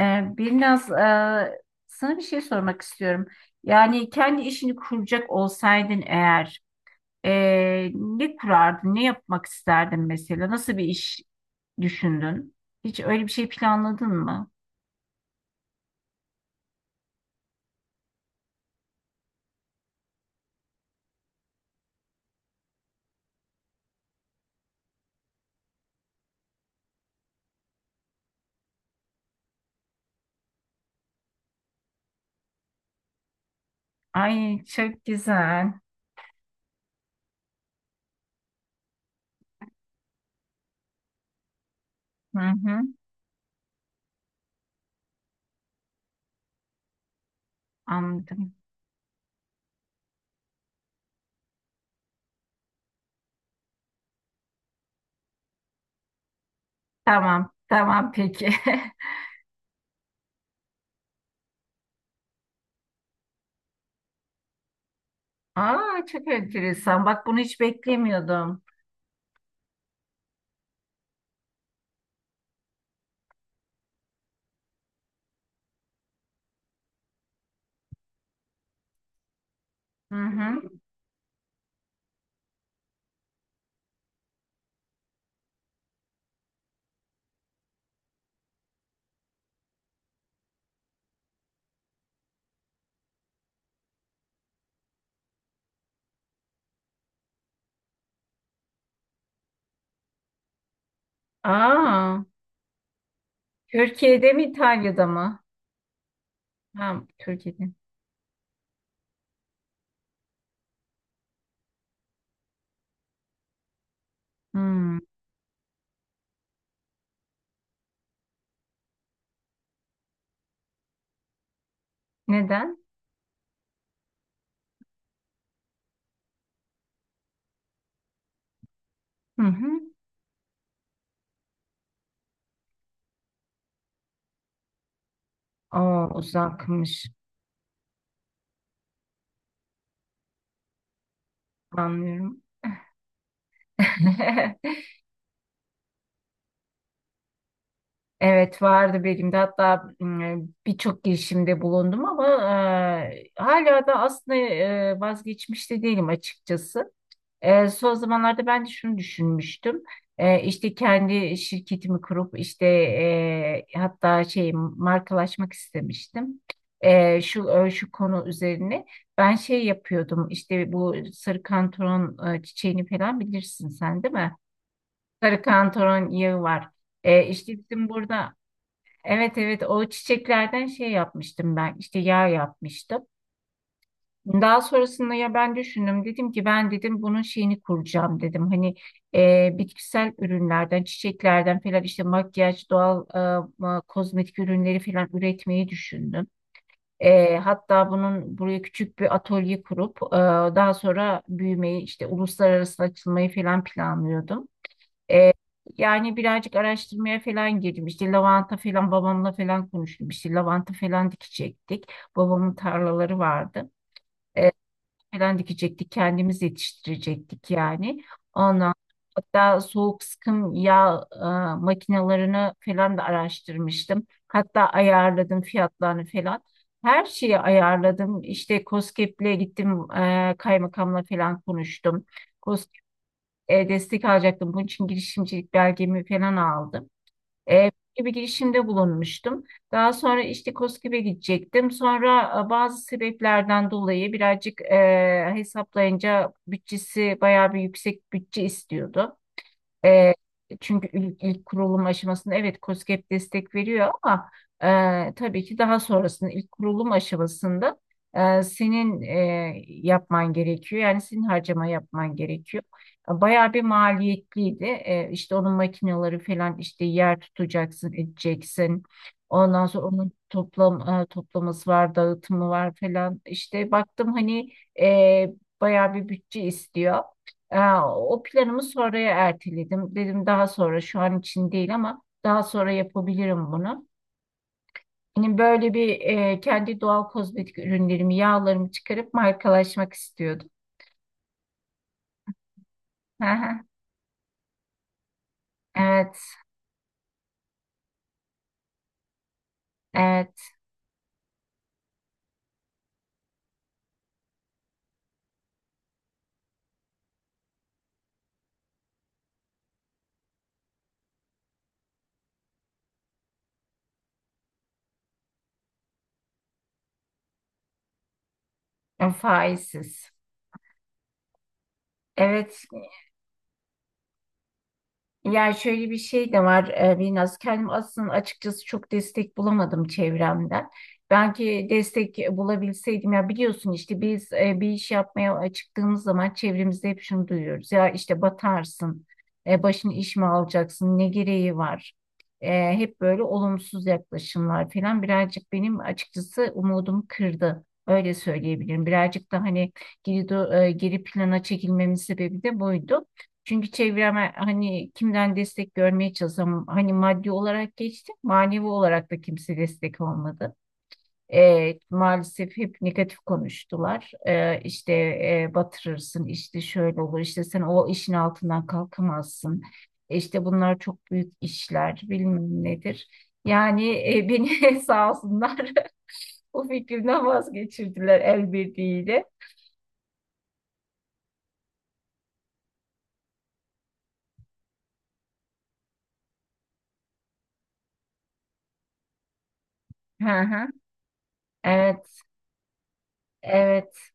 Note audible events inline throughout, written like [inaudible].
Ee, Biraz sana bir şey sormak istiyorum. Yani kendi işini kuracak olsaydın eğer ne kurardın, ne yapmak isterdin mesela? Nasıl bir iş düşündün? Hiç öyle bir şey planladın mı? Ay çok güzel. Hı hı, anladım. Tamam, tamam peki. [laughs] Aa, çok enteresan. Bak bunu hiç beklemiyordum. Hı hı. Aa, Türkiye'de mi İtalya'da mı? Ha, Türkiye'de. Hmm, neden? Hı hı. Aa, uzakmış. Anlıyorum. [laughs] Evet vardı benim de hatta birçok girişimde bulundum ama hala da aslında vazgeçmiş de değilim açıkçası. Son zamanlarda ben de şunu düşünmüştüm. İşte kendi şirketimi kurup işte hatta şey markalaşmak istemiştim. Şu konu üzerine ben şey yapıyordum, İşte bu sarı kantaron çiçeğini falan bilirsin sen değil mi? Sarı kantaron yağı var. İşte bizim burada evet, evet, o çiçeklerden şey yapmıştım ben, İşte yağ yapmıştım. Daha sonrasında ya ben düşündüm, dedim ki ben dedim bunun şeyini kuracağım dedim. Hani bitkisel ürünlerden, çiçeklerden falan işte makyaj, doğal kozmetik ürünleri falan üretmeyi düşündüm. Hatta bunun buraya küçük bir atölye kurup daha sonra büyümeyi, işte uluslararası açılmayı falan planlıyordum. E, Yani birazcık araştırmaya falan girdim. İşte lavanta falan babamla falan konuştum. İşte lavanta falan dikecektik. Babamın tarlaları vardı. E, Falan dikecektik. Kendimiz yetiştirecektik yani. Ondan hatta soğuk sıkım yağ makinelerini falan da araştırmıştım. Hatta ayarladım fiyatlarını falan. Her şeyi ayarladım. İşte KOSGEB'le gittim, kaymakamla falan konuştum. KOSGEB destek alacaktım. Bunun için girişimcilik belgemi falan aldım. E, Gibi girişimde bulunmuştum. Daha sonra işte KOSGEB'e gidecektim. Sonra bazı sebeplerden dolayı birazcık hesaplayınca bütçesi bayağı bir yüksek bütçe istiyordu. E, Çünkü ilk kurulum aşamasında evet KOSGEB destek veriyor ama tabii ki daha sonrasında ilk kurulum aşamasında senin yapman gerekiyor. Yani senin harcama yapman gerekiyor. Bayağı bir maliyetliydi. İşte onun makineleri falan, işte yer tutacaksın, edeceksin. Ondan sonra onun toplaması var, dağıtımı var falan. İşte baktım hani e, bayağı bir bütçe istiyor. Aa, o planımı sonraya erteledim. Dedim daha sonra, şu an için değil ama daha sonra yapabilirim bunu. Hani böyle bir kendi doğal kozmetik ürünlerimi, yağlarımı çıkarıp markalaşmak istiyordum. Hı hı. Evet, evet. Faizsiz. Evet. Yani şöyle bir şey de var Binnaz. Kendim aslında açıkçası çok destek bulamadım çevremden. Belki destek bulabilseydim, ya biliyorsun, işte biz bir iş yapmaya çıktığımız zaman çevremizde hep şunu duyuyoruz. Ya işte batarsın, başını iş mi alacaksın, ne gereği var? E, Hep böyle olumsuz yaklaşımlar falan birazcık benim açıkçası umudumu kırdı. Öyle söyleyebilirim. Birazcık da hani geri plana çekilmemin sebebi de buydu. Çünkü çevreme hani kimden destek görmeye çalışsam hani maddi olarak geçtim, manevi olarak da kimse destek olmadı. Maalesef hep negatif konuştular. İşte batırırsın, işte şöyle olur, işte sen o işin altından kalkamazsın. İşte bunlar çok büyük işler, bilmem nedir. Yani beni [laughs] sağ olsunlar [laughs] bu fikrimden vazgeçirdiler el birliğiyle. Hı hı. Evet, evet.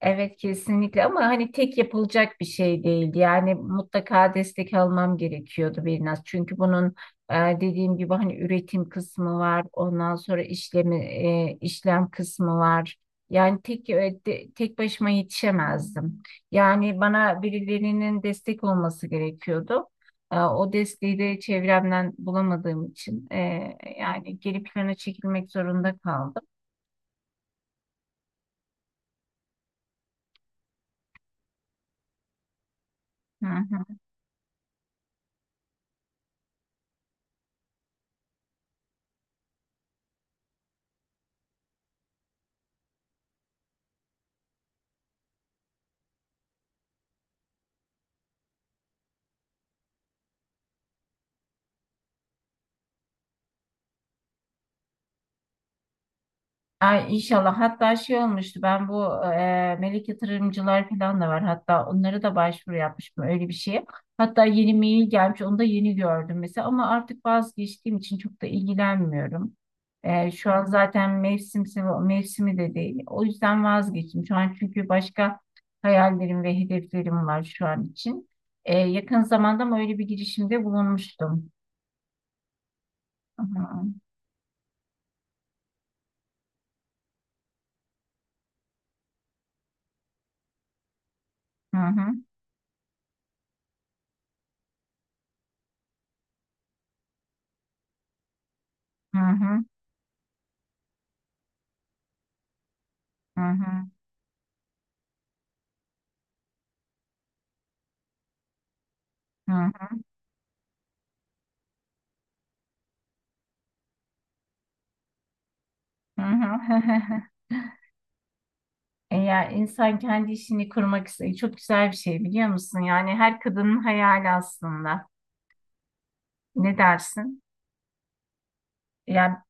Evet kesinlikle ama hani tek yapılacak bir şey değildi. Yani mutlaka destek almam gerekiyordu biraz. Çünkü bunun e, dediğim gibi hani üretim kısmı var. Ondan sonra işlem kısmı var. Yani tek başıma yetişemezdim. Yani bana birilerinin destek olması gerekiyordu. O desteği de çevremden bulamadığım için yani geri plana çekilmek zorunda kaldım. Hı. Ay inşallah. Hatta şey olmuştu. Ben bu melek yatırımcılar falan da var. Hatta onlara da başvuru yapmıştım öyle bir şeye. Hatta yeni mail gelmiş. Onu da yeni gördüm mesela. Ama artık vazgeçtiğim için çok da ilgilenmiyorum. Şu an zaten mevsimi de değil. O yüzden vazgeçtim. Şu an çünkü başka hayallerim ve hedeflerim var şu an için. Yakın zamanda mı öyle bir girişimde bulunmuştum. Hı hı. Hı hı. Hı hı. Hı hı. Hı hı. Hı hı. [laughs] Eğer insan kendi işini kurmak istiyor, çok güzel bir şey biliyor musun? Yani her kadının hayali aslında. Ne dersin? Ya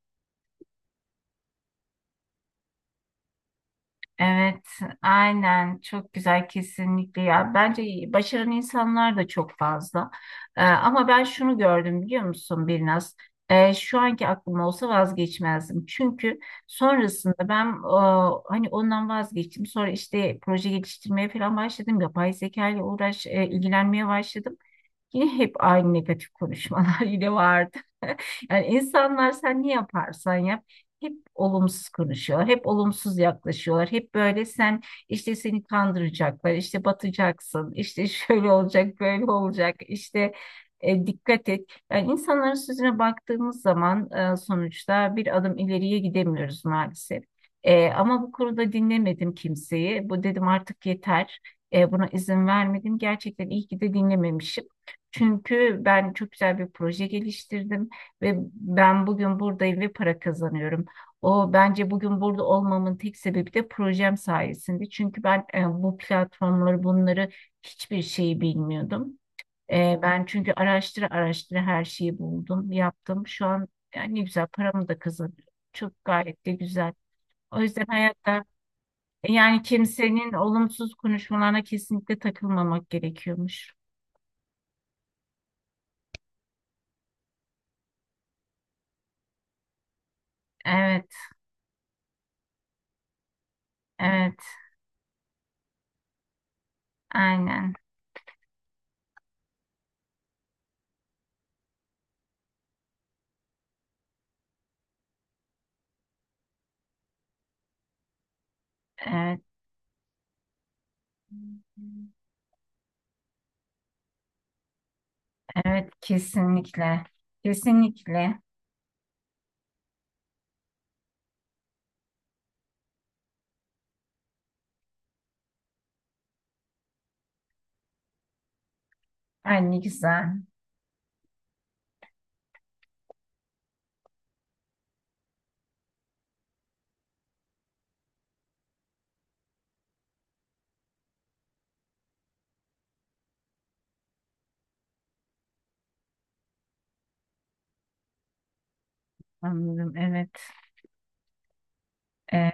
evet, aynen, çok güzel kesinlikle ya. Bence iyi, başaran insanlar da çok fazla. Ama ben şunu gördüm biliyor musun Birnaz? Şu anki aklım olsa vazgeçmezdim. Çünkü sonrasında ben hani ondan vazgeçtim. Sonra işte proje geliştirmeye falan başladım. Yapay zeka ile ilgilenmeye başladım. Yine hep aynı negatif konuşmalar [laughs] yine vardı. [laughs] Yani insanlar, sen ne yaparsan yap hep olumsuz konuşuyorlar, hep olumsuz yaklaşıyorlar. Hep böyle sen, işte seni kandıracaklar, işte batacaksın, işte [laughs] şöyle olacak, böyle olacak, işte dikkat et. Yani insanların sözüne baktığımız zaman sonuçta bir adım ileriye gidemiyoruz maalesef. Ama bu konuda dinlemedim kimseyi. Bu dedim, artık yeter. Buna izin vermedim. Gerçekten iyi ki de dinlememişim. Çünkü ben çok güzel bir proje geliştirdim ve ben bugün buradayım ve para kazanıyorum. O, bence bugün burada olmamın tek sebebi de projem sayesinde. Çünkü ben bu platformları, bunları hiçbir şeyi bilmiyordum. Ben çünkü araştıra araştıra her şeyi buldum, yaptım. Şu an yani ne güzel paramı da kazanıyorum. Çok gayet de güzel. O yüzden hayatta yani kimsenin olumsuz konuşmalarına kesinlikle takılmamak gerekiyormuş. Evet, evet, aynen. Evet, evet, kesinlikle. Kesinlikle. Ay, ne güzel. Anladım. Evet. Ee,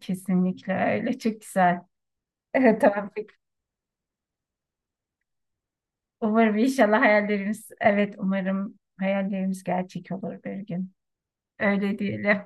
Kesinlikle öyle. Çok güzel. Evet, tamam, peki. Umarım inşallah hayallerimiz, evet, umarım hayallerimiz gerçek olur bir gün. Öyle diyelim.